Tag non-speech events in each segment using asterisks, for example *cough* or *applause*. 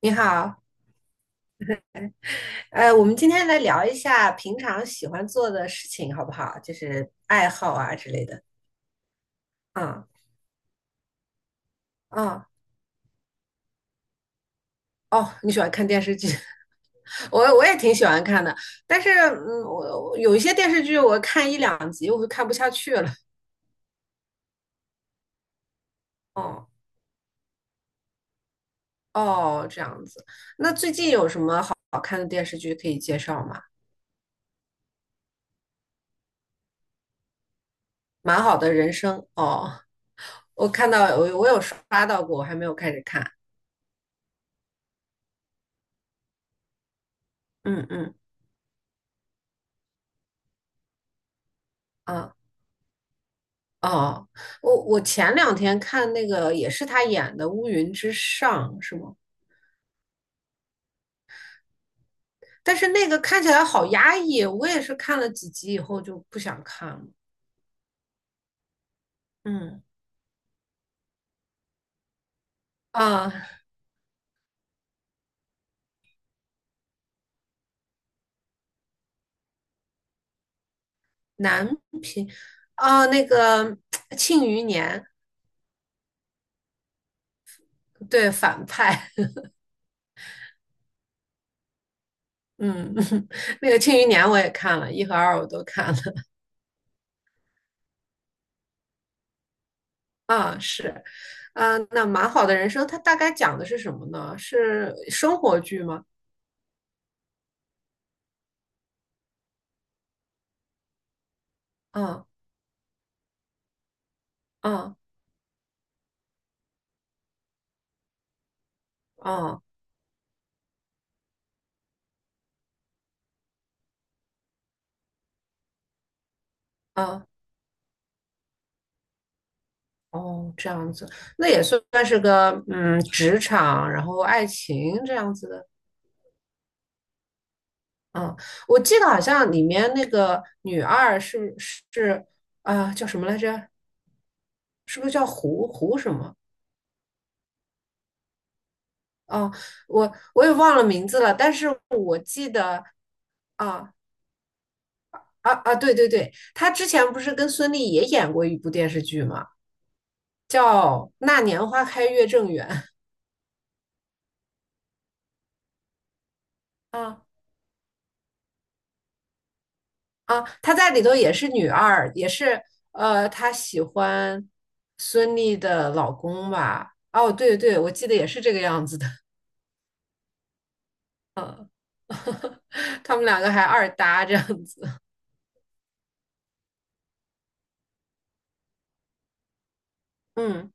你好，我们今天来聊一下平常喜欢做的事情，好不好？就是爱好啊之类的。嗯，嗯，哦，你喜欢看电视剧？*laughs* 我也挺喜欢看的，但是我有一些电视剧我看一两集我就看不下去了。哦，哦，这样子。那最近有什么好看的电视剧可以介绍吗？蛮好的人生哦，我看到我有刷到过，我还没有开始看。嗯，嗯，啊，哦，我前两天看那个也是他演的《乌云之上》，是吗？但是那个看起来好压抑，我也是看了几集以后就不想看了。嗯，啊、男频，啊、那个《庆余年》。对反派，嗯，*laughs* 那个《庆余年》我也看了，一和二我都看了。啊、是，啊、那蛮好的人生，它大概讲的是什么呢？是生活剧吗？嗯，嗯，嗯，嗯，啊，哦，这样子，那也算是个职场，然后爱情这样子的。嗯，我记得好像里面那个女二是啊、叫什么来着？是不是叫胡什么？哦，我也忘了名字了，但是我记得啊，啊，啊，对，对，对，她之前不是跟孙俪也演过一部电视剧嘛，叫《那年花开月正圆》。啊，啊，她在里头也是女二，也是她喜欢孙俪的老公吧？哦，对，对，我记得也是这个样子的，*laughs* 他们两个还二搭这样子。嗯，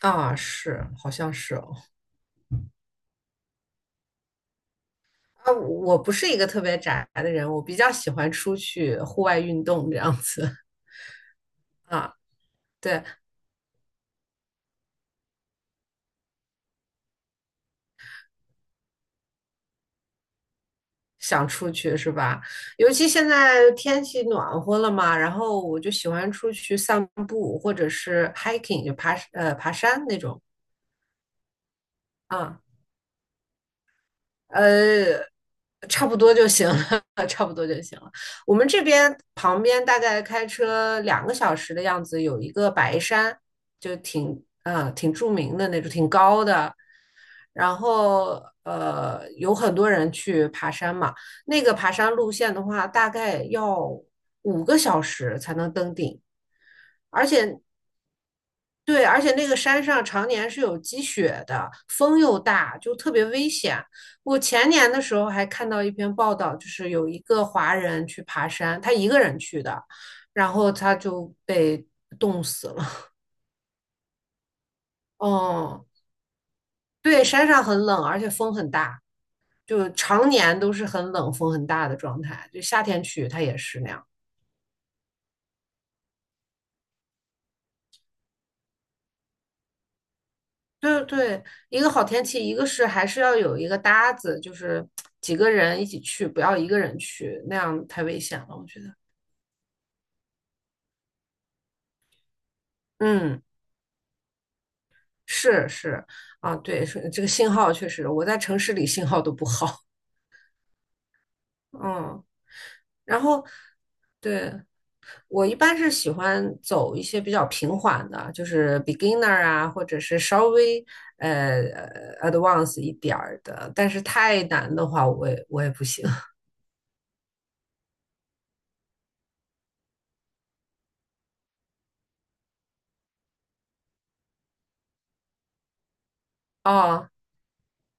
啊，是，好像是哦。啊，我不是一个特别宅的人，我比较喜欢出去户外运动这样子。*laughs* 啊，对，想出去是吧？尤其现在天气暖和了嘛，然后我就喜欢出去散步，或者是 hiking,就爬山那种。啊，呃，差不多就行了，*laughs* 差不多就行了。我们这边旁边大概开车两个小时的样子，有一个白山，就挺著名的那种，挺高的。然后有很多人去爬山嘛。那个爬山路线的话，大概要5个小时才能登顶，而且对，而且那个山上常年是有积雪的，风又大，就特别危险。我前年的时候还看到一篇报道，就是有一个华人去爬山，他一个人去的，然后他就被冻死了。哦，对，山上很冷，而且风很大，就常年都是很冷、风很大的状态。就夏天去，它也是那样。对，对，一个好天气，一个是还是要有一个搭子，就是几个人一起去，不要一个人去，那样太危险了，我觉得。嗯，是，是啊，对，是这个信号确实，我在城市里信号都不好。嗯，然后对，我一般是喜欢走一些比较平缓的，就是 beginner 啊，或者是稍微呃advanced 一点儿的，但是太难的话，我也不行。*laughs* 哦，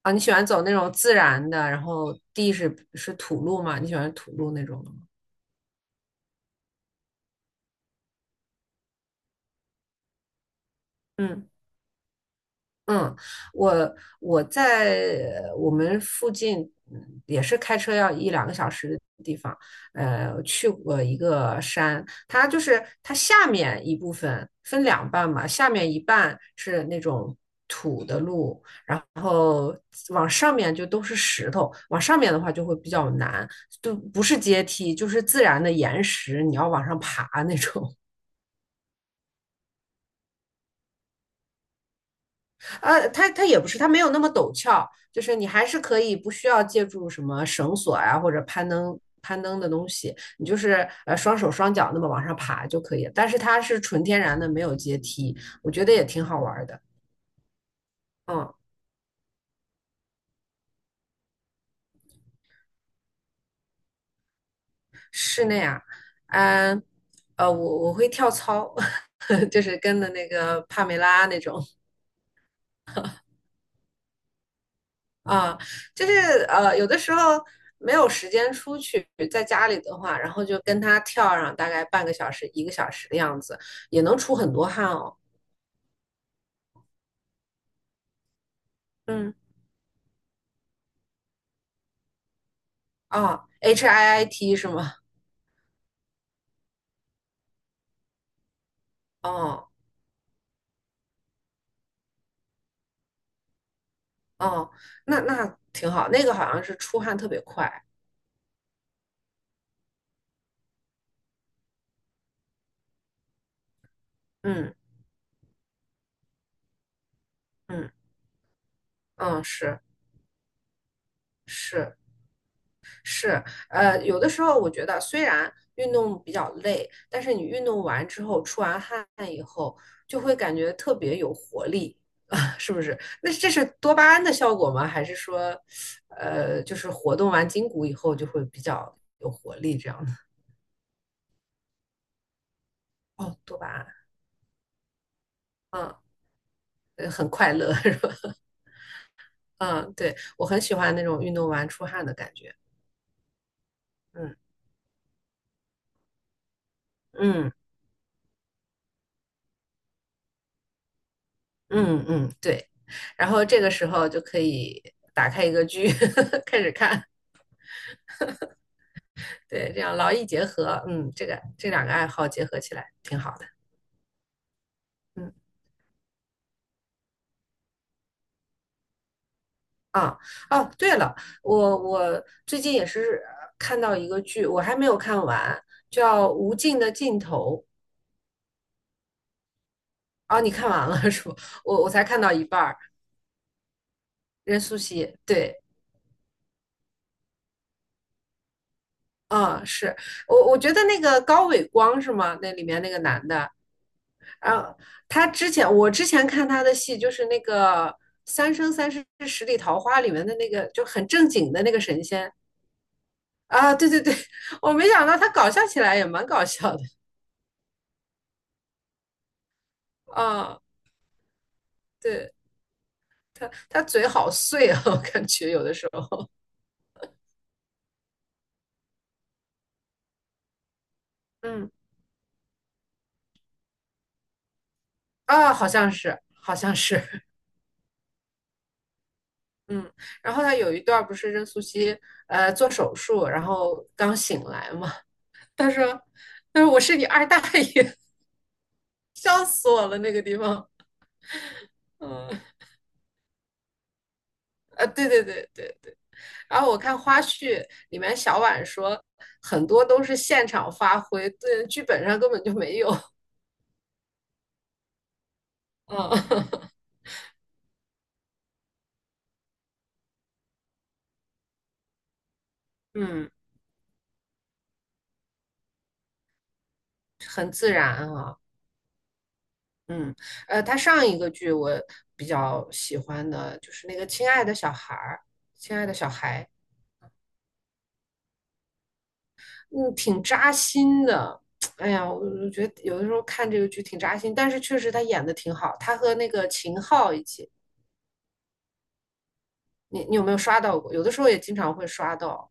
啊，你喜欢走那种自然的，然后地是土路吗？你喜欢土路那种的吗？嗯，嗯，我我在我们附近也是开车要一两个小时的地方，去过一个山，它就是它下面一部分分两半嘛，下面一半是那种土的路，然后往上面就都是石头，往上面的话就会比较难，就不是阶梯，就是自然的岩石，你要往上爬那种。它也不是，它没有那么陡峭，就是你还是可以不需要借助什么绳索啊或者攀登攀登的东西，你就是双手双脚那么往上爬就可以了。但是它是纯天然的，没有阶梯，我觉得也挺好玩的。嗯，室内啊，嗯我会跳操，*laughs* 就是跟的那个帕梅拉那种，啊，就是有的时候没有时间出去，在家里的话，然后就跟他跳上大概半个小时、1个小时的样子，也能出很多汗哦。嗯，哦，HIIT 是吗？哦，哦，那挺好，那个好像是出汗特别快。嗯，嗯，嗯，是，是。是，有的时候我觉得虽然运动比较累，但是你运动完之后出完汗以后，就会感觉特别有活力，*laughs* 啊，是不是？那这是多巴胺的效果吗？还是说，就是活动完筋骨以后就会比较有活力这样的？哦，多巴胺，嗯，很快乐 *laughs* 是吧？嗯，对，我很喜欢那种运动完出汗的感觉。嗯，嗯，嗯，嗯，对。然后这个时候就可以打开一个剧，*laughs* 开始看。对，这样劳逸结合，嗯，这两个爱好结合起来挺好的，嗯，啊，哦，对了，我最近也是看到一个剧，我还没有看完，叫《无尽的尽头》。啊，你看完了是不？我才看到一半儿，任素汐，对，啊，是我觉得那个高伟光是吗？那里面那个男的，啊，他之前我之前看他的戏就是那个。《三生三世十里桃花》里面的那个就很正经的那个神仙，啊，对，对，对，*laughs* 我没想到他搞笑起来也蛮搞笑的啊。对，他嘴好碎啊，我感觉有的时候，嗯好像是，好像是，*laughs* 嗯。然后他有一段儿不是任素汐做手术，然后刚醒来嘛，他说他说我是你二大爷，*laughs* 笑死我了那个地方。嗯，啊，对，对，对，对，对，然后我看花絮里面小婉说很多都是现场发挥，对，剧本上根本就没有。嗯，*laughs* 嗯，很自然啊，嗯，他上一个剧我比较喜欢的就是那个《亲爱的小孩儿》，亲爱的小孩，嗯，挺扎心的。*tsk* 哎呀，我觉得有的时候看这个剧挺扎心，但是确实他演的挺好。他和那个秦昊一起，你有没有刷到过？有的时候也经常会刷到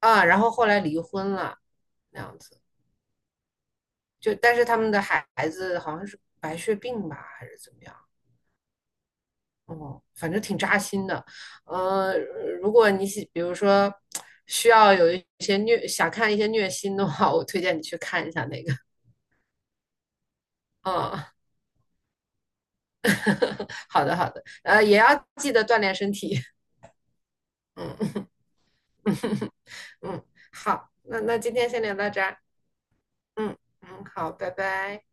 啊。然后后来离婚了，那样子，就但是他们的孩子好像是白血病吧，还是怎么样？哦，反正挺扎心的。呃，如果你喜，比如说需要有一些虐，想看一些虐心的话，我推荐你去看一下那个。嗯，*laughs* 好的，好的，也要记得锻炼身体。嗯 *laughs* 嗯，好，那今天先聊到这儿。嗯，嗯，好，拜拜。